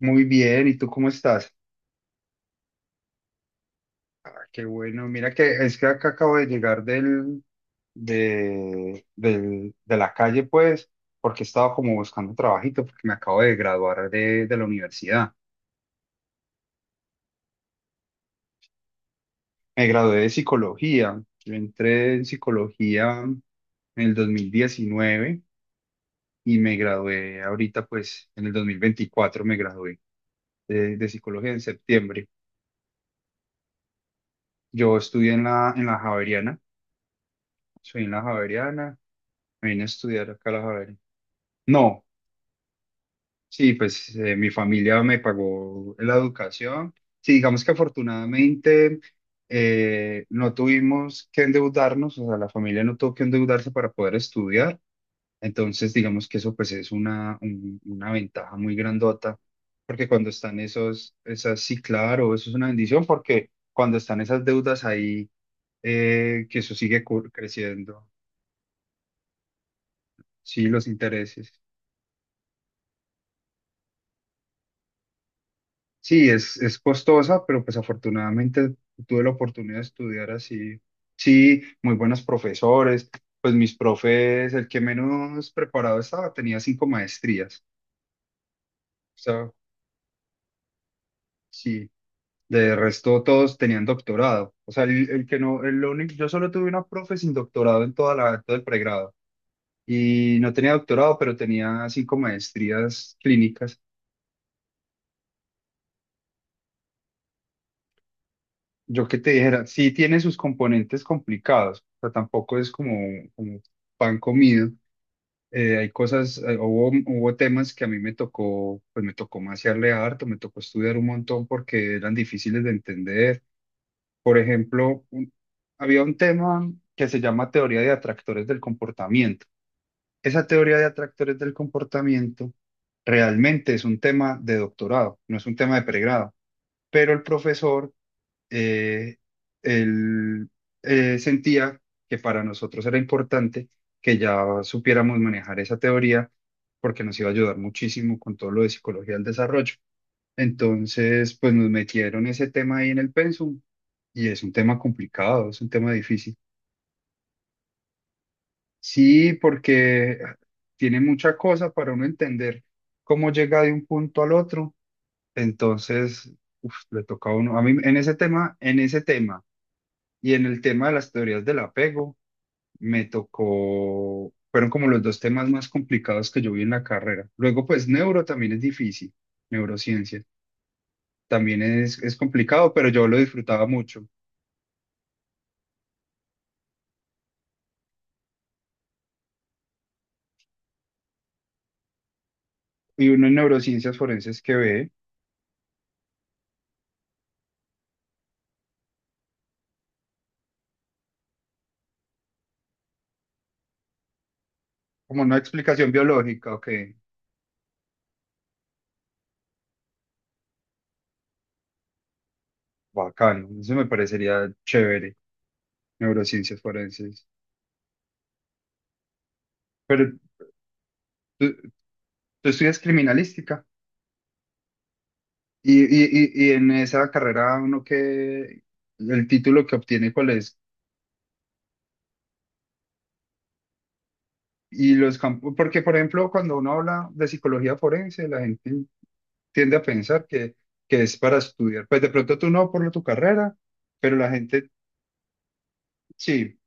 Muy bien, ¿y tú cómo estás? Ah, qué bueno, mira que es que acá acabo de llegar de la calle, pues, porque estaba como buscando trabajito, porque me acabo de graduar de la universidad. Me gradué de psicología. Yo entré en psicología en el 2019 y me gradué ahorita, pues, en el 2024 me gradué de psicología en septiembre. Yo estudié en la Javeriana, soy en la Javeriana, me vine a estudiar acá a la Javeriana. No, sí, pues mi familia me pagó la educación. Sí, digamos que afortunadamente no tuvimos que endeudarnos, o sea, la familia no tuvo que endeudarse para poder estudiar. Entonces, digamos que eso pues es una ventaja muy grandota, porque cuando están sí, claro, eso es una bendición, porque cuando están esas deudas ahí, que eso sigue creciendo, sí, los intereses. Sí, es costosa, pero pues afortunadamente tuve la oportunidad de estudiar así. Sí, muy buenos profesores. Pues mis profes, el que menos preparado estaba, tenía cinco maestrías. O sea, sí, de resto todos tenían doctorado. O sea, el que no, el único, yo solo tuve una profe sin doctorado en todo el pregrado. Y no tenía doctorado, pero tenía cinco maestrías clínicas. Yo que te dijera, sí tiene sus componentes complicados, o sea, tampoco es como pan comido. Hay cosas, hubo temas que a mí me tocó, pues me tocó maciarle harto, me tocó estudiar un montón porque eran difíciles de entender. Por ejemplo, había un tema que se llama teoría de atractores del comportamiento. Esa teoría de atractores del comportamiento realmente es un tema de doctorado, no es un tema de pregrado, pero el profesor eh, él sentía que para nosotros era importante que ya supiéramos manejar esa teoría porque nos iba a ayudar muchísimo con todo lo de psicología del desarrollo. Entonces, pues nos metieron ese tema ahí en el pensum y es un tema complicado, es un tema difícil. Sí, porque tiene mucha cosa para uno entender cómo llega de un punto al otro. Entonces, uf, le toca a uno, a mí en ese tema, en ese tema. Y en el tema de las teorías del apego, me tocó, fueron como los dos temas más complicados que yo vi en la carrera. Luego, pues neuro también es difícil, neurociencia también es complicado, pero yo lo disfrutaba mucho. Y uno en neurociencias forenses que ve como una explicación biológica, ok, bacano, eso me parecería chévere, neurociencias forenses. Pero tú, tú estudias criminalística y, y, y en esa carrera uno que, el título que obtiene, ¿cuál es? Y los campos, porque por ejemplo, cuando uno habla de psicología forense, la gente tiende a pensar que es para estudiar. Pues de pronto tú no por tu carrera, pero la gente sí.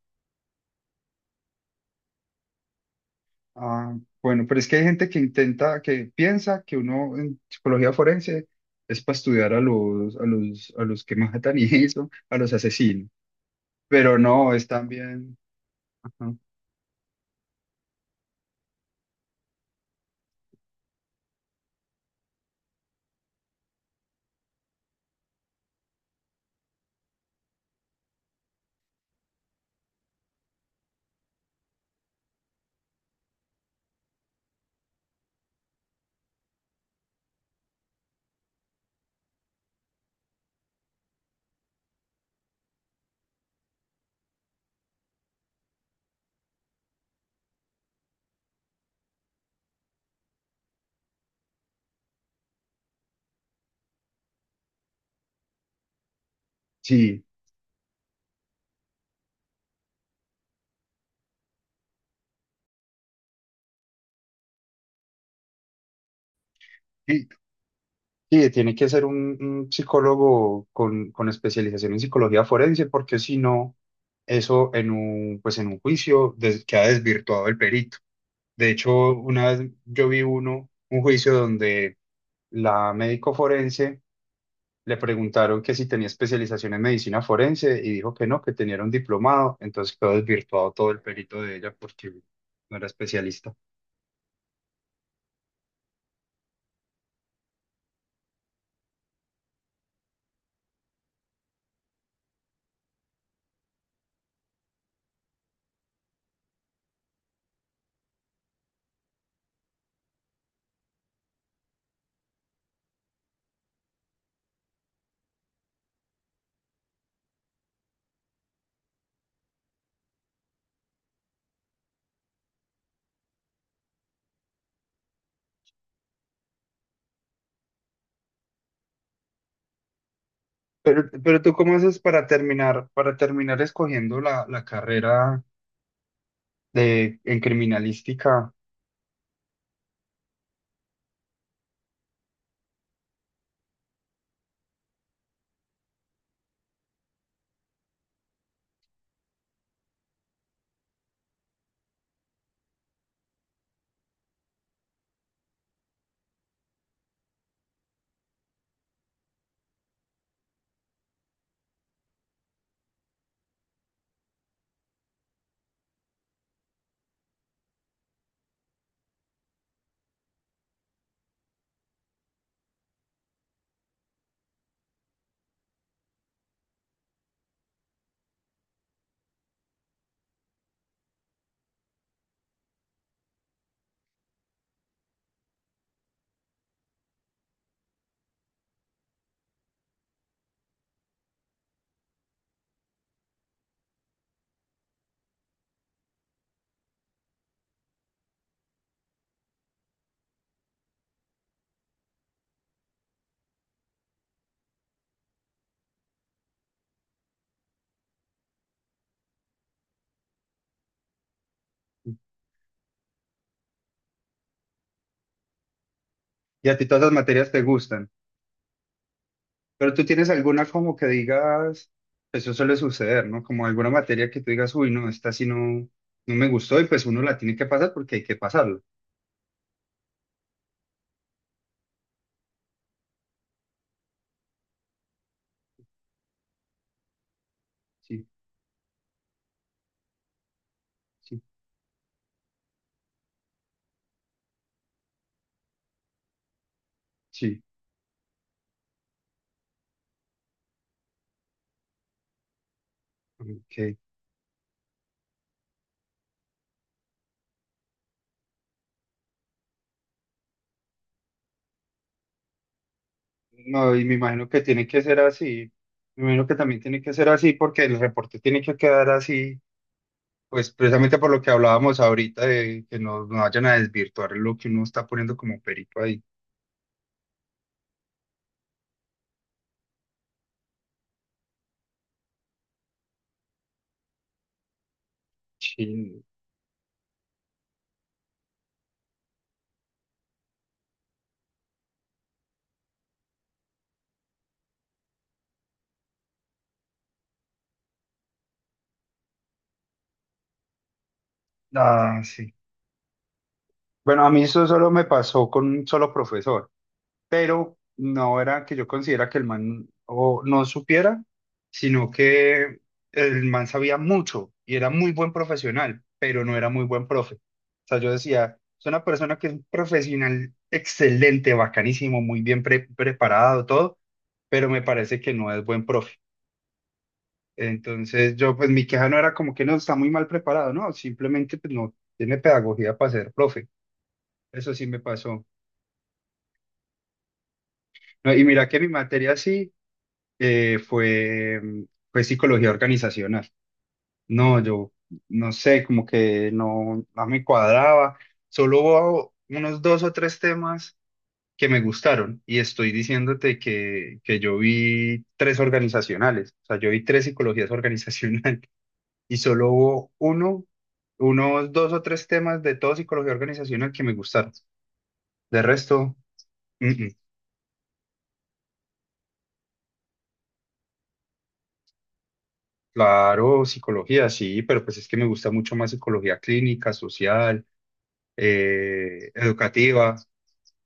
Ah, bueno, pero es que hay gente que intenta, que piensa que uno en psicología forense es para estudiar a los, a los que matan y eso, a los asesinos. Pero no, es también, ajá, sí. Sí, tiene que ser un psicólogo con especialización en psicología forense, porque si no, eso en pues en un juicio queda desvirtuado el perito. De hecho, una vez yo vi un juicio donde la médico forense le preguntaron que si tenía especialización en medicina forense y dijo que no, que tenía era un diplomado, entonces quedó desvirtuado todo el perito de ella porque no era especialista. Pero tú, ¿cómo haces para terminar, escogiendo la carrera? En criminalística. Y a ti todas las materias te gustan, pero tú tienes alguna como que digas, eso suele suceder, ¿no? Como alguna materia que tú digas, uy, no, esta sí no, no me gustó y pues uno la tiene que pasar porque hay que pasarlo. Sí, sí, sí. Ok. No, y me imagino que tiene que ser así. Me imagino que también tiene que ser así porque el reporte tiene que quedar así, pues precisamente por lo que hablábamos ahorita de que no, no vayan a desvirtuar lo que uno está poniendo como perito ahí. Sí. Ah, sí. Bueno, a mí eso solo me pasó con un solo profesor, pero no era que yo considera que el man o no supiera, sino que el man sabía mucho y era muy buen profesional, pero no era muy buen profe. O sea, yo decía, es una persona que es un profesional excelente, bacanísimo, muy bien preparado, todo, pero me parece que no es buen profe. Entonces yo, pues mi queja no era como que no está muy mal preparado, no, simplemente pues no tiene pedagogía para ser profe. Eso sí me pasó. No, y mira que mi materia sí fue, fue psicología organizacional. No, yo no sé, como que no me cuadraba. Solo hubo unos dos o tres temas que me gustaron y estoy diciéndote que yo vi tres organizacionales, o sea, yo vi tres psicologías organizacionales y solo hubo unos dos o tres temas de todo psicología organizacional que me gustaron. De resto, mm, mm. Claro, psicología, sí, pero pues es que me gusta mucho más psicología clínica, social, educativa.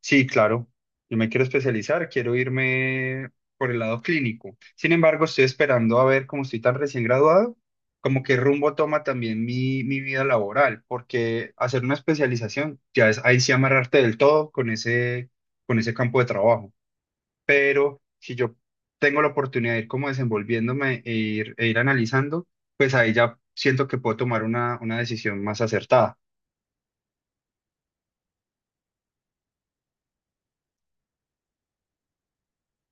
Sí, claro, yo me quiero especializar, quiero irme por el lado clínico. Sin embargo, estoy esperando a ver cómo estoy tan recién graduado, como qué rumbo toma también mi vida laboral, porque hacer una especialización ya es ahí sí amarrarte del todo con con ese campo de trabajo, pero si yo tengo la oportunidad de ir como desenvolviéndome e ir, analizando, pues ahí ya siento que puedo tomar una decisión más acertada.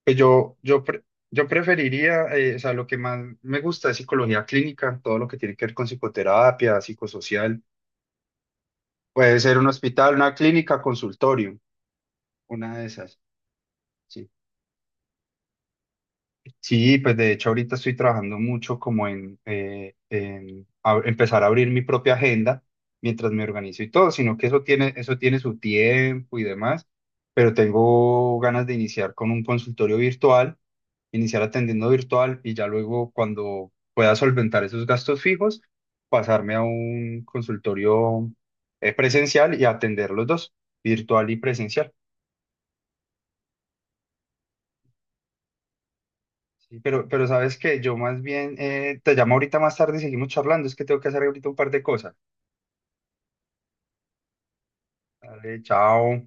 Pues yo, yo, pre- yo preferiría, o sea, lo que más me gusta es psicología clínica, todo lo que tiene que ver con psicoterapia, psicosocial, puede ser un hospital, una clínica, consultorio, una de esas. Sí. Sí, pues de hecho ahorita estoy trabajando mucho como en empezar a abrir mi propia agenda mientras me organizo y todo, sino que eso tiene su tiempo y demás, pero tengo ganas de iniciar con un consultorio virtual, iniciar atendiendo virtual y ya luego cuando pueda solventar esos gastos fijos, pasarme a un consultorio presencial y atender los dos, virtual y presencial. Sí, pero sabes que yo más bien te llamo ahorita más tarde y seguimos charlando. Es que tengo que hacer ahorita un par de cosas. Dale, chao.